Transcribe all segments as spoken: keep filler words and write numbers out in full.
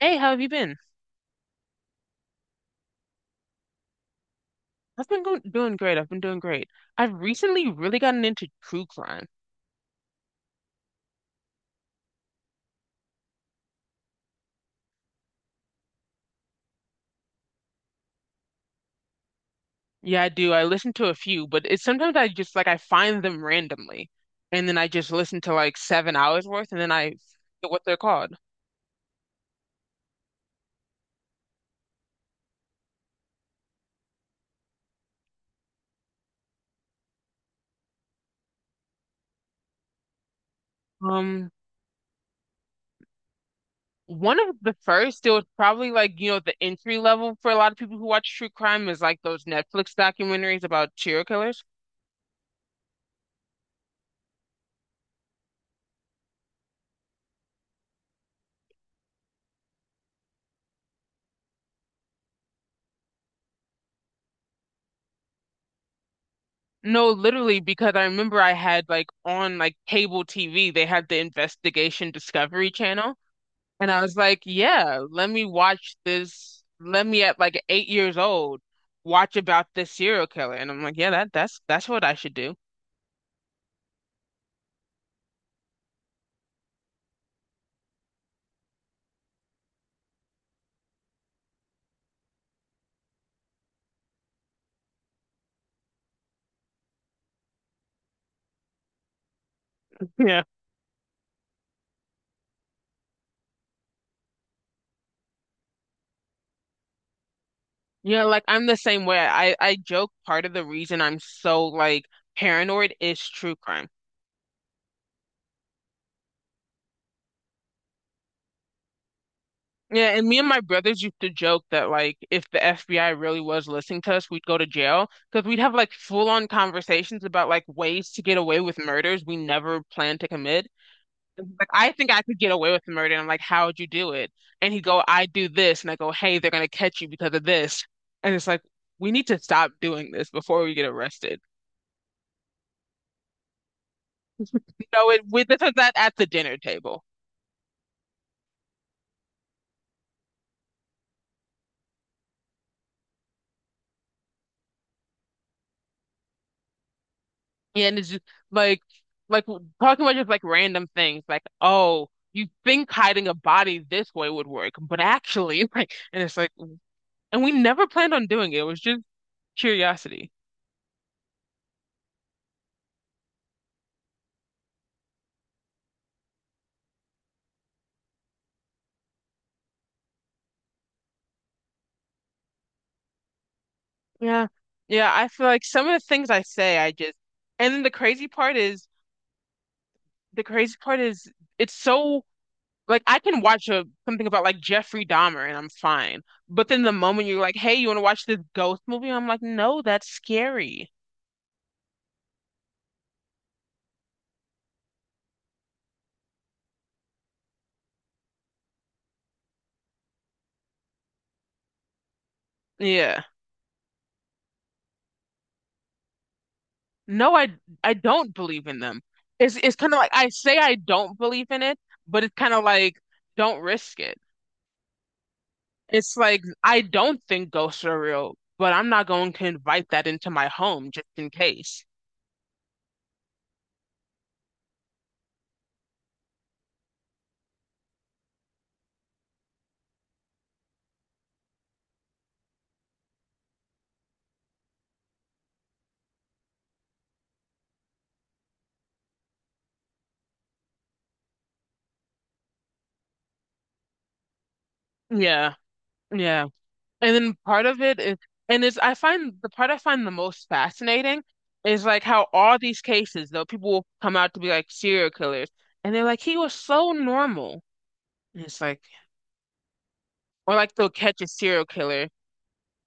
Hey, how have you been? I've been going, doing great. I've been doing great. I've recently really gotten into true crime. Yeah, I do. I listen to a few, but it's sometimes I just like I find them randomly, and then I just listen to like seven hours worth, and then I forget what they're called. Um, One of the first, it was probably like you know the entry level for a lot of people who watch true crime is like those Netflix documentaries about serial killers. No, literally, because I remember I had like on like cable T V, they had the Investigation Discovery Channel. And I was like, yeah, let me watch this. Let me at like eight years old watch about this serial killer. And I'm like, yeah, that that's that's what I should do. Yeah. Yeah, like I'm the same way. I I joke part of the reason I'm so like paranoid is true crime. Yeah, and me and my brothers used to joke that like if the F B I really was listening to us, we'd go to jail because we'd have like full on conversations about like ways to get away with murders we never planned to commit. And he's like, I think I could get away with the murder. And I'm like, how would you do it? And he'd go, I do this. And I go, hey, they're going to catch you because of this. And it's like, we need to stop doing this before we get arrested. No, it we this was that at the dinner table. Yeah, and it's just like, like talking about just like random things, like, oh, you think hiding a body this way would work, but actually, like, and it's like, and we never planned on doing it. It was just curiosity. Yeah. Yeah. I feel like some of the things I say, I just, and then the crazy part is, the crazy part is it's so like I can watch a something about like Jeffrey Dahmer and I'm fine. But then the moment you're like, "Hey, you want to watch this ghost movie?" I'm like, "No, that's scary." Yeah. No, I I don't believe in them. It's it's kind of like I say I don't believe in it, but it's kind of like don't risk it. It's like I don't think ghosts are real, but I'm not going to invite that into my home just in case. Yeah. Yeah. And then part of it is, and it's, I find the part I find the most fascinating is like how all these cases, though, people will come out to be like serial killers, and they're like, he was so normal. And it's like, or like they'll catch a serial killer,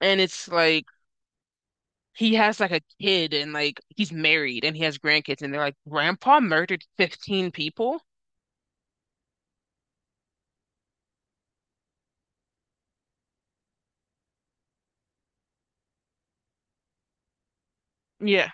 and it's like, he has like a kid, and like he's married, and he has grandkids, and they're like, Grandpa murdered fifteen people? Yeah,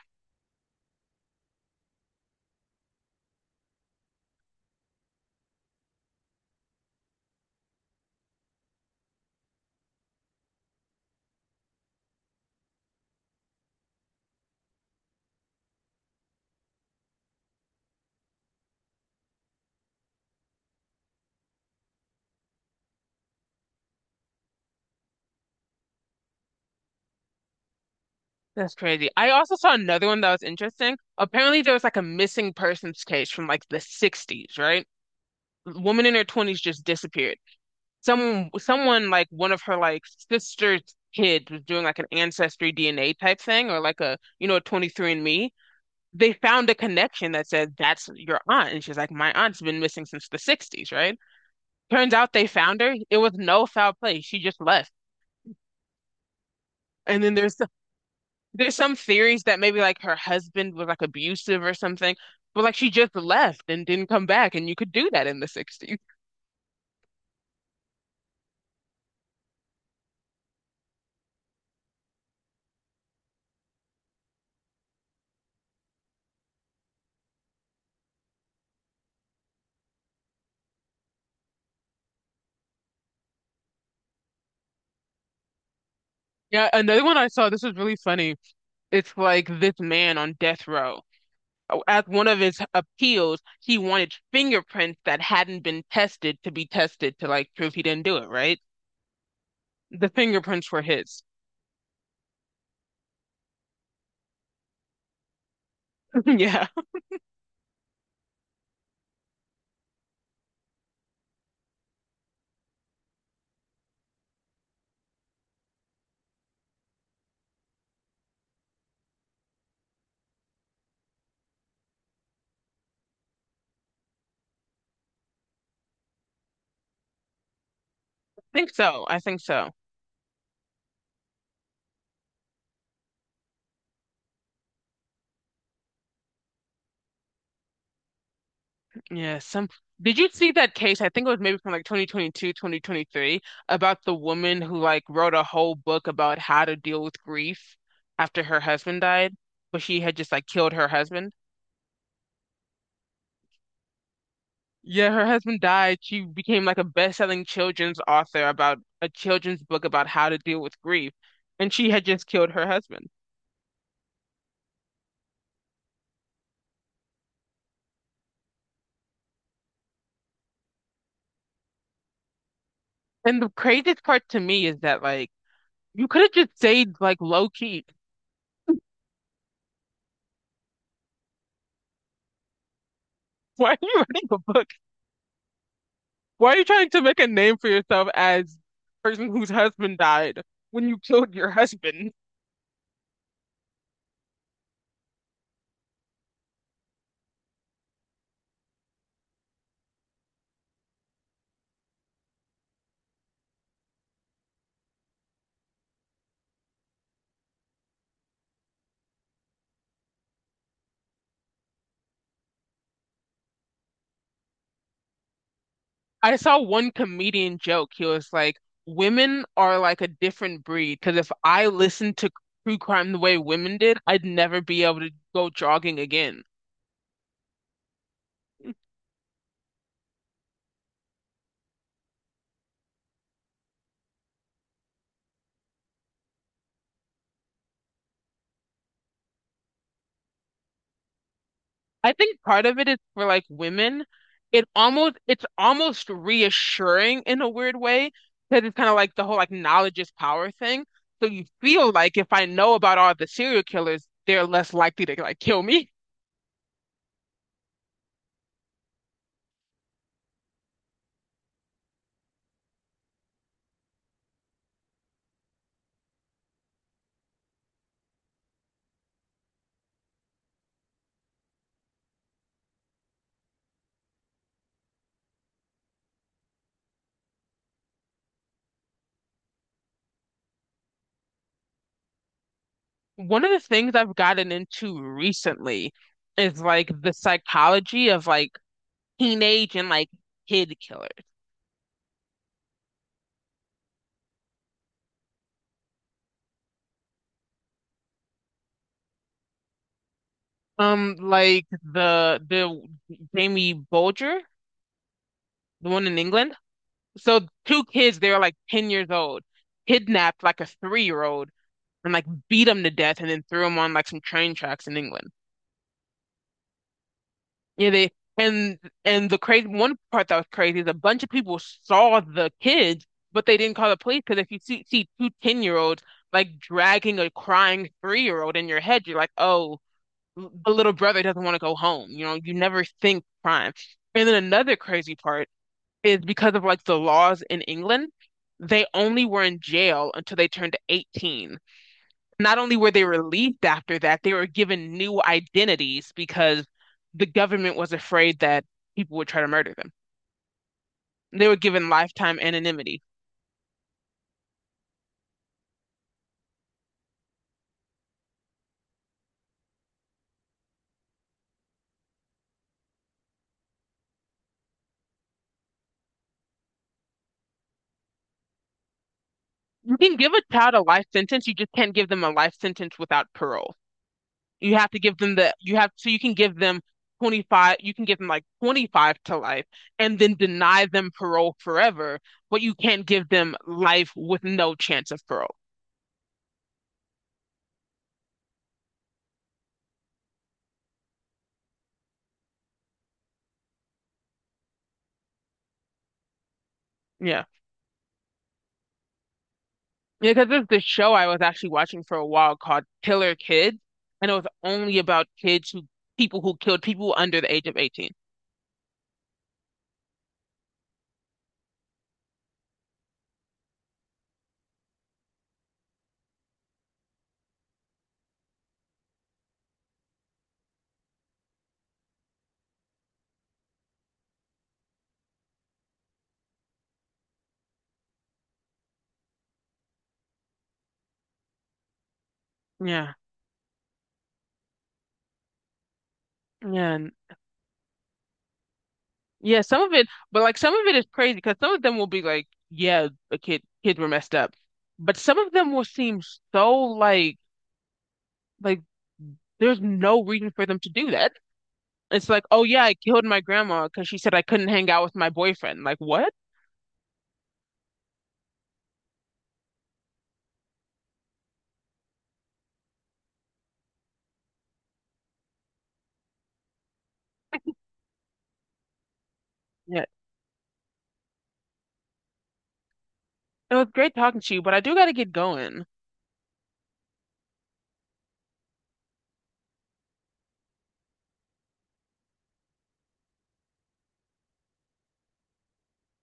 that's crazy. I also saw another one that was interesting. Apparently, there was like a missing persons case from like the sixties, right? A woman in her twenties just disappeared. Some someone like one of her like sister's kids was doing like an ancestry D N A type thing or like a you know a twenty three and me. They found a connection that said that's your aunt, and she's like, my aunt's been missing since the sixties, right? Turns out they found her. It was no foul play. She just left. And then there's There's some theories that maybe like her husband was like abusive or something, but like she just left and didn't come back, and you could do that in the sixties. Yeah, another one I saw, this was really funny. It's like this man on death row. Oh, at one of his appeals, he wanted fingerprints that hadn't been tested to be tested to like prove he didn't do it, right? The fingerprints were his. Yeah, I think so. I think so. Yeah, some did you see that case? I think it was maybe from like twenty twenty two, twenty twenty three, about the woman who like wrote a whole book about how to deal with grief after her husband died, but she had just like killed her husband. Yeah, her husband died. She became like a best-selling children's author about a children's book about how to deal with grief, and she had just killed her husband. And the craziest part to me is that like you could have just stayed like low key. Why are you writing a book? Why are you trying to make a name for yourself as the person whose husband died when you killed your husband? I saw one comedian joke. He was like, "Women are like a different breed because if I listened to true crime the way women did, I'd never be able to go jogging again." I think part of it is for like women it almost it's almost reassuring in a weird way because it's kind of like the whole like knowledge is power thing. So you feel like if I know about all the serial killers, they're less likely to like kill me. One of the things I've gotten into recently is like the psychology of like teenage and like kid killers. Um, like the the Jamie Bolger, the one in England. So two kids, they were like ten years old, kidnapped like a three-year-old and like beat him to death and then threw him on like some train tracks in England. Yeah, they and and the crazy one part that was crazy is a bunch of people saw the kids, but they didn't call the police because if you see see two ten 10-year-olds like dragging a crying three-year-old in your head, you're like, oh, the little brother doesn't want to go home. You know, you never think crime. And then another crazy part is because of like the laws in England, they only were in jail until they turned eighteen. Not only were they relieved after that, they were given new identities because the government was afraid that people would try to murder them. They were given lifetime anonymity. You can give a child a life sentence, you just can't give them a life sentence without parole. You have to give them the, you have, so you can give them twenty five, you can give them like twenty five to life and then deny them parole forever, but you can't give them life with no chance of parole. Yeah. Because there's this show I was actually watching for a while called Killer Kids, and it was only about kids who people who killed people under the age of eighteen. Yeah. Yeah. and- Yeah, some of it, but like some of it is crazy because some of them will be like, yeah, the kid kids were messed up. But some of them will seem so like like there's no reason for them to do that. It's like, oh yeah, I killed my grandma because she said I couldn't hang out with my boyfriend. Like what? Yeah. It was great talking to you, but I do gotta get going.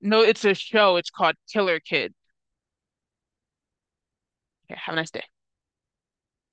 No, it's a show. It's called Killer Kids. Okay, have a nice day.